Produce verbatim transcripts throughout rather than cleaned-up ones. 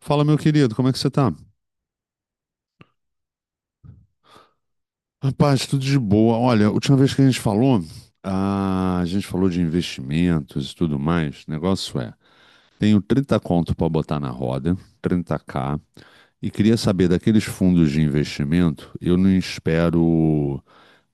Fala, meu querido, como é que você tá? Rapaz, tudo de boa. Olha, a última vez que a gente falou, ah, a gente falou de investimentos e tudo mais. O negócio é, tenho trinta conto para botar na roda, trinta k, e queria saber daqueles fundos de investimento. Eu não espero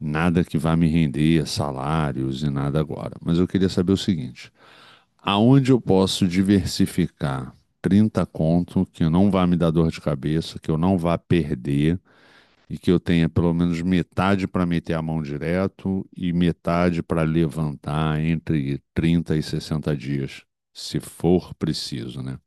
nada que vá me render salários e nada agora. Mas eu queria saber o seguinte, aonde eu posso diversificar trinta conto que não vá me dar dor de cabeça, que eu não vá perder, e que eu tenha pelo menos metade para meter a mão direto e metade para levantar entre trinta e sessenta dias, se for preciso, né?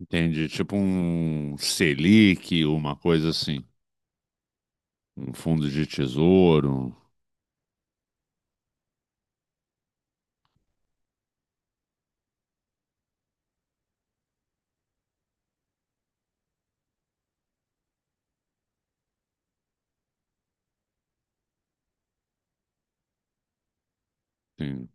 Entende? Tipo um Selic, uma coisa assim, um fundo de tesouro. Tem...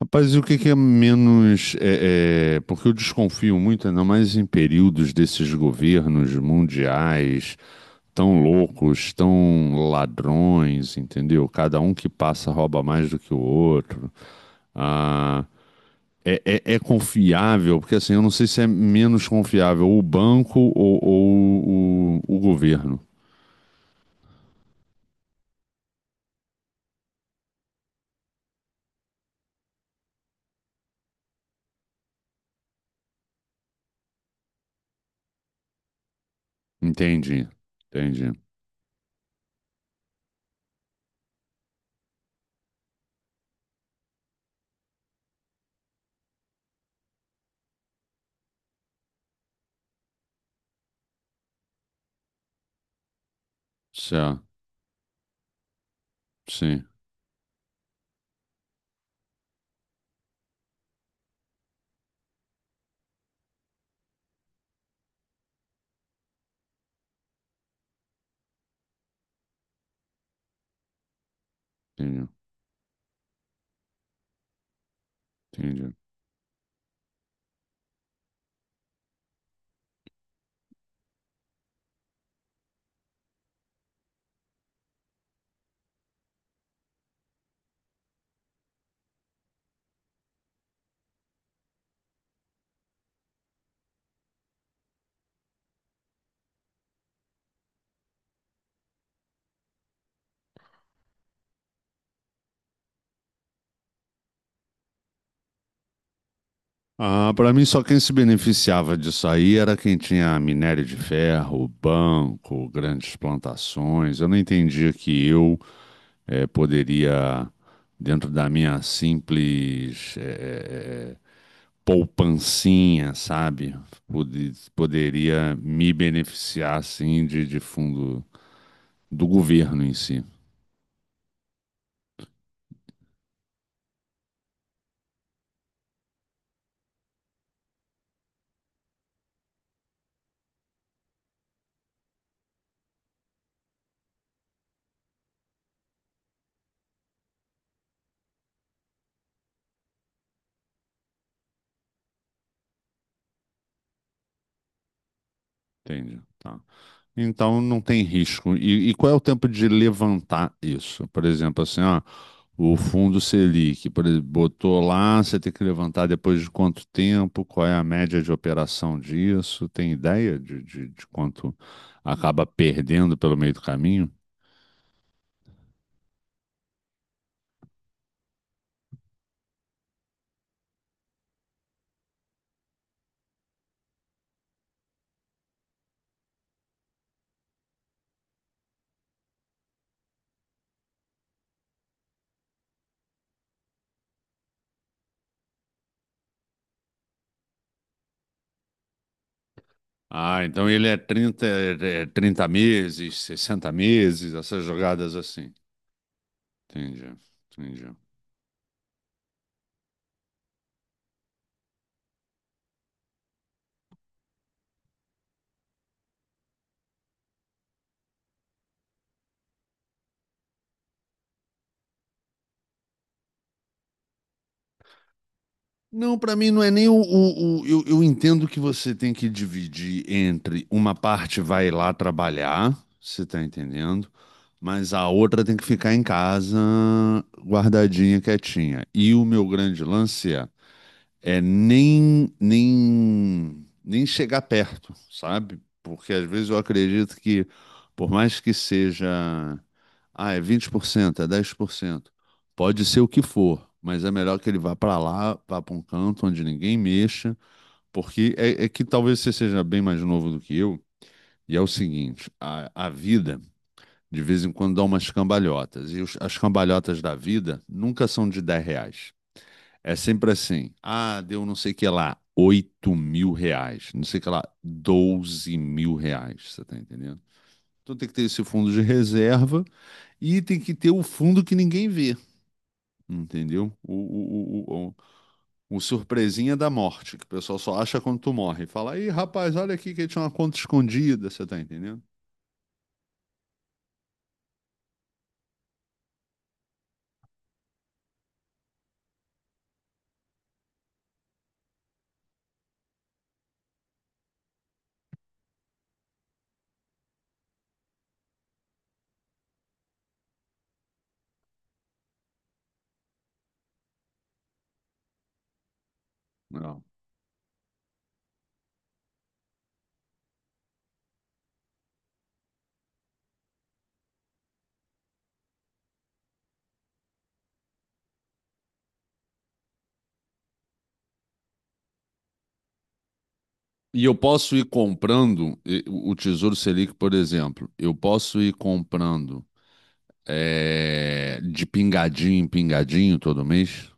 Rapaz, e o que que é menos. é, é, Porque eu desconfio muito, ainda mais em períodos desses governos mundiais tão loucos, tão ladrões, entendeu? Cada um que passa rouba mais do que o outro. Ah, é, é- é confiável, porque assim, eu não sei se é menos confiável o banco ou, ou o, o governo. Entendi, entendi. Certo, sim, entendi, entendi. Ah, para mim só quem se beneficiava disso aí era quem tinha minério de ferro, banco, grandes plantações. Eu não entendia que eu eh, poderia, dentro da minha simples eh, eh, poupancinha, sabe? Pode- poderia me beneficiar, assim, de, de fundo do governo em si. Entende? Tá. Então não tem risco. E, e qual é o tempo de levantar isso? Por exemplo, assim, ó, o fundo Selic, por exemplo, botou lá, você tem que levantar depois de quanto tempo? Qual é a média de operação disso? Tem ideia de, de, de quanto acaba perdendo pelo meio do caminho? Ah, então ele é trinta é trinta meses, sessenta meses, essas jogadas assim. Entendi, entendi. Não, para mim não é nem o, o- o- eu, eu entendo que você tem que dividir entre uma parte vai lá trabalhar, você tá entendendo, mas a outra tem que ficar em casa guardadinha, quietinha. E o meu grande lance é é, nem, nem, nem chegar perto, sabe? Porque às vezes eu acredito que, por mais que seja, ah, é vinte por cento, é dez por cento, pode ser o que for, mas é melhor que ele vá para lá, vá para um canto onde ninguém mexa, porque é, é que talvez você seja bem mais novo do que eu, e é o seguinte, a, a vida. De vez em quando dá umas cambalhotas. E os- as cambalhotas da vida nunca são de dez reais. É sempre assim. Ah, deu não sei o que lá, oito mil reais. Não sei o que lá, doze mil reais. Você tá entendendo? Então tem que ter esse fundo de reserva e tem que ter o fundo que ninguém vê. Entendeu? O, o, o, o, o surpresinha da morte, que o pessoal só acha quando tu morre. Fala, aí, rapaz, olha aqui que tinha uma conta escondida, você tá entendendo? Não. E eu posso ir comprando e, o Tesouro Selic, por exemplo, eu posso ir comprando é, de pingadinho em pingadinho todo mês?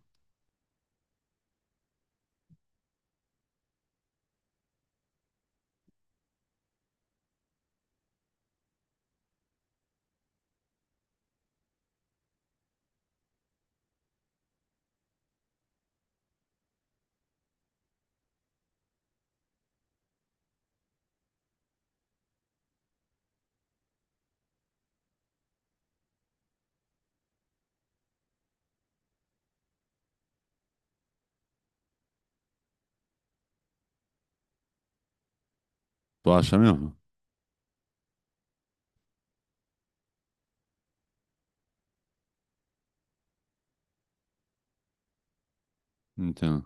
Tu acha mesmo? Então.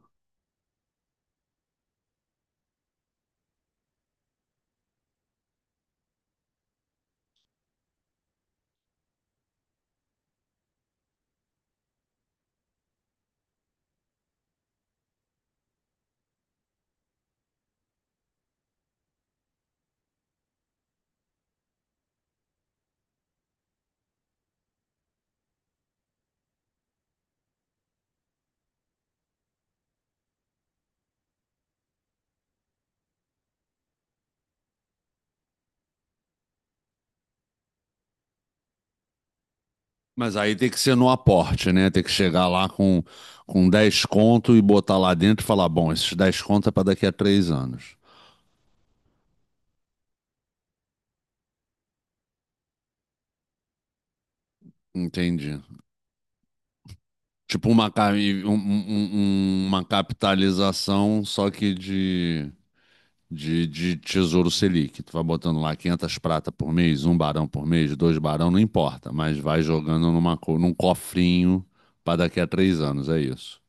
Mas aí tem que ser no aporte, né? Tem que chegar lá com, com dez conto e botar lá dentro e falar: bom, esses dez conto é para daqui a três anos. Entendi. Tipo uma, ca- um- um- um- uma capitalização, só que de de, de Tesouro Selic. Tu vai botando lá quinhentos prata por mês, um barão por mês, dois barão, não importa, mas vai jogando numa, co- num cofrinho para daqui a três anos, é isso.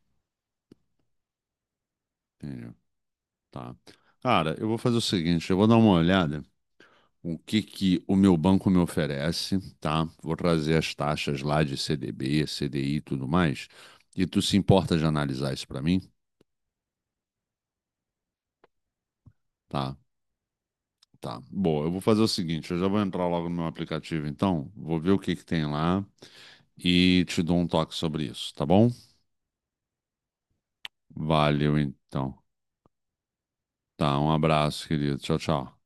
Entendi. Tá. Cara, eu vou fazer o seguinte, eu vou dar uma olhada o que que o meu banco me oferece, tá? Vou trazer as taxas lá de C D B, C D I e tudo mais. E tu se importa de analisar isso para mim? Tá, tá, boa. Eu vou fazer o seguinte, eu já vou entrar logo no meu aplicativo, então, vou ver o que que tem lá e te dou um toque sobre isso, tá bom? Valeu, então. Tá, um abraço, querido. Tchau, tchau.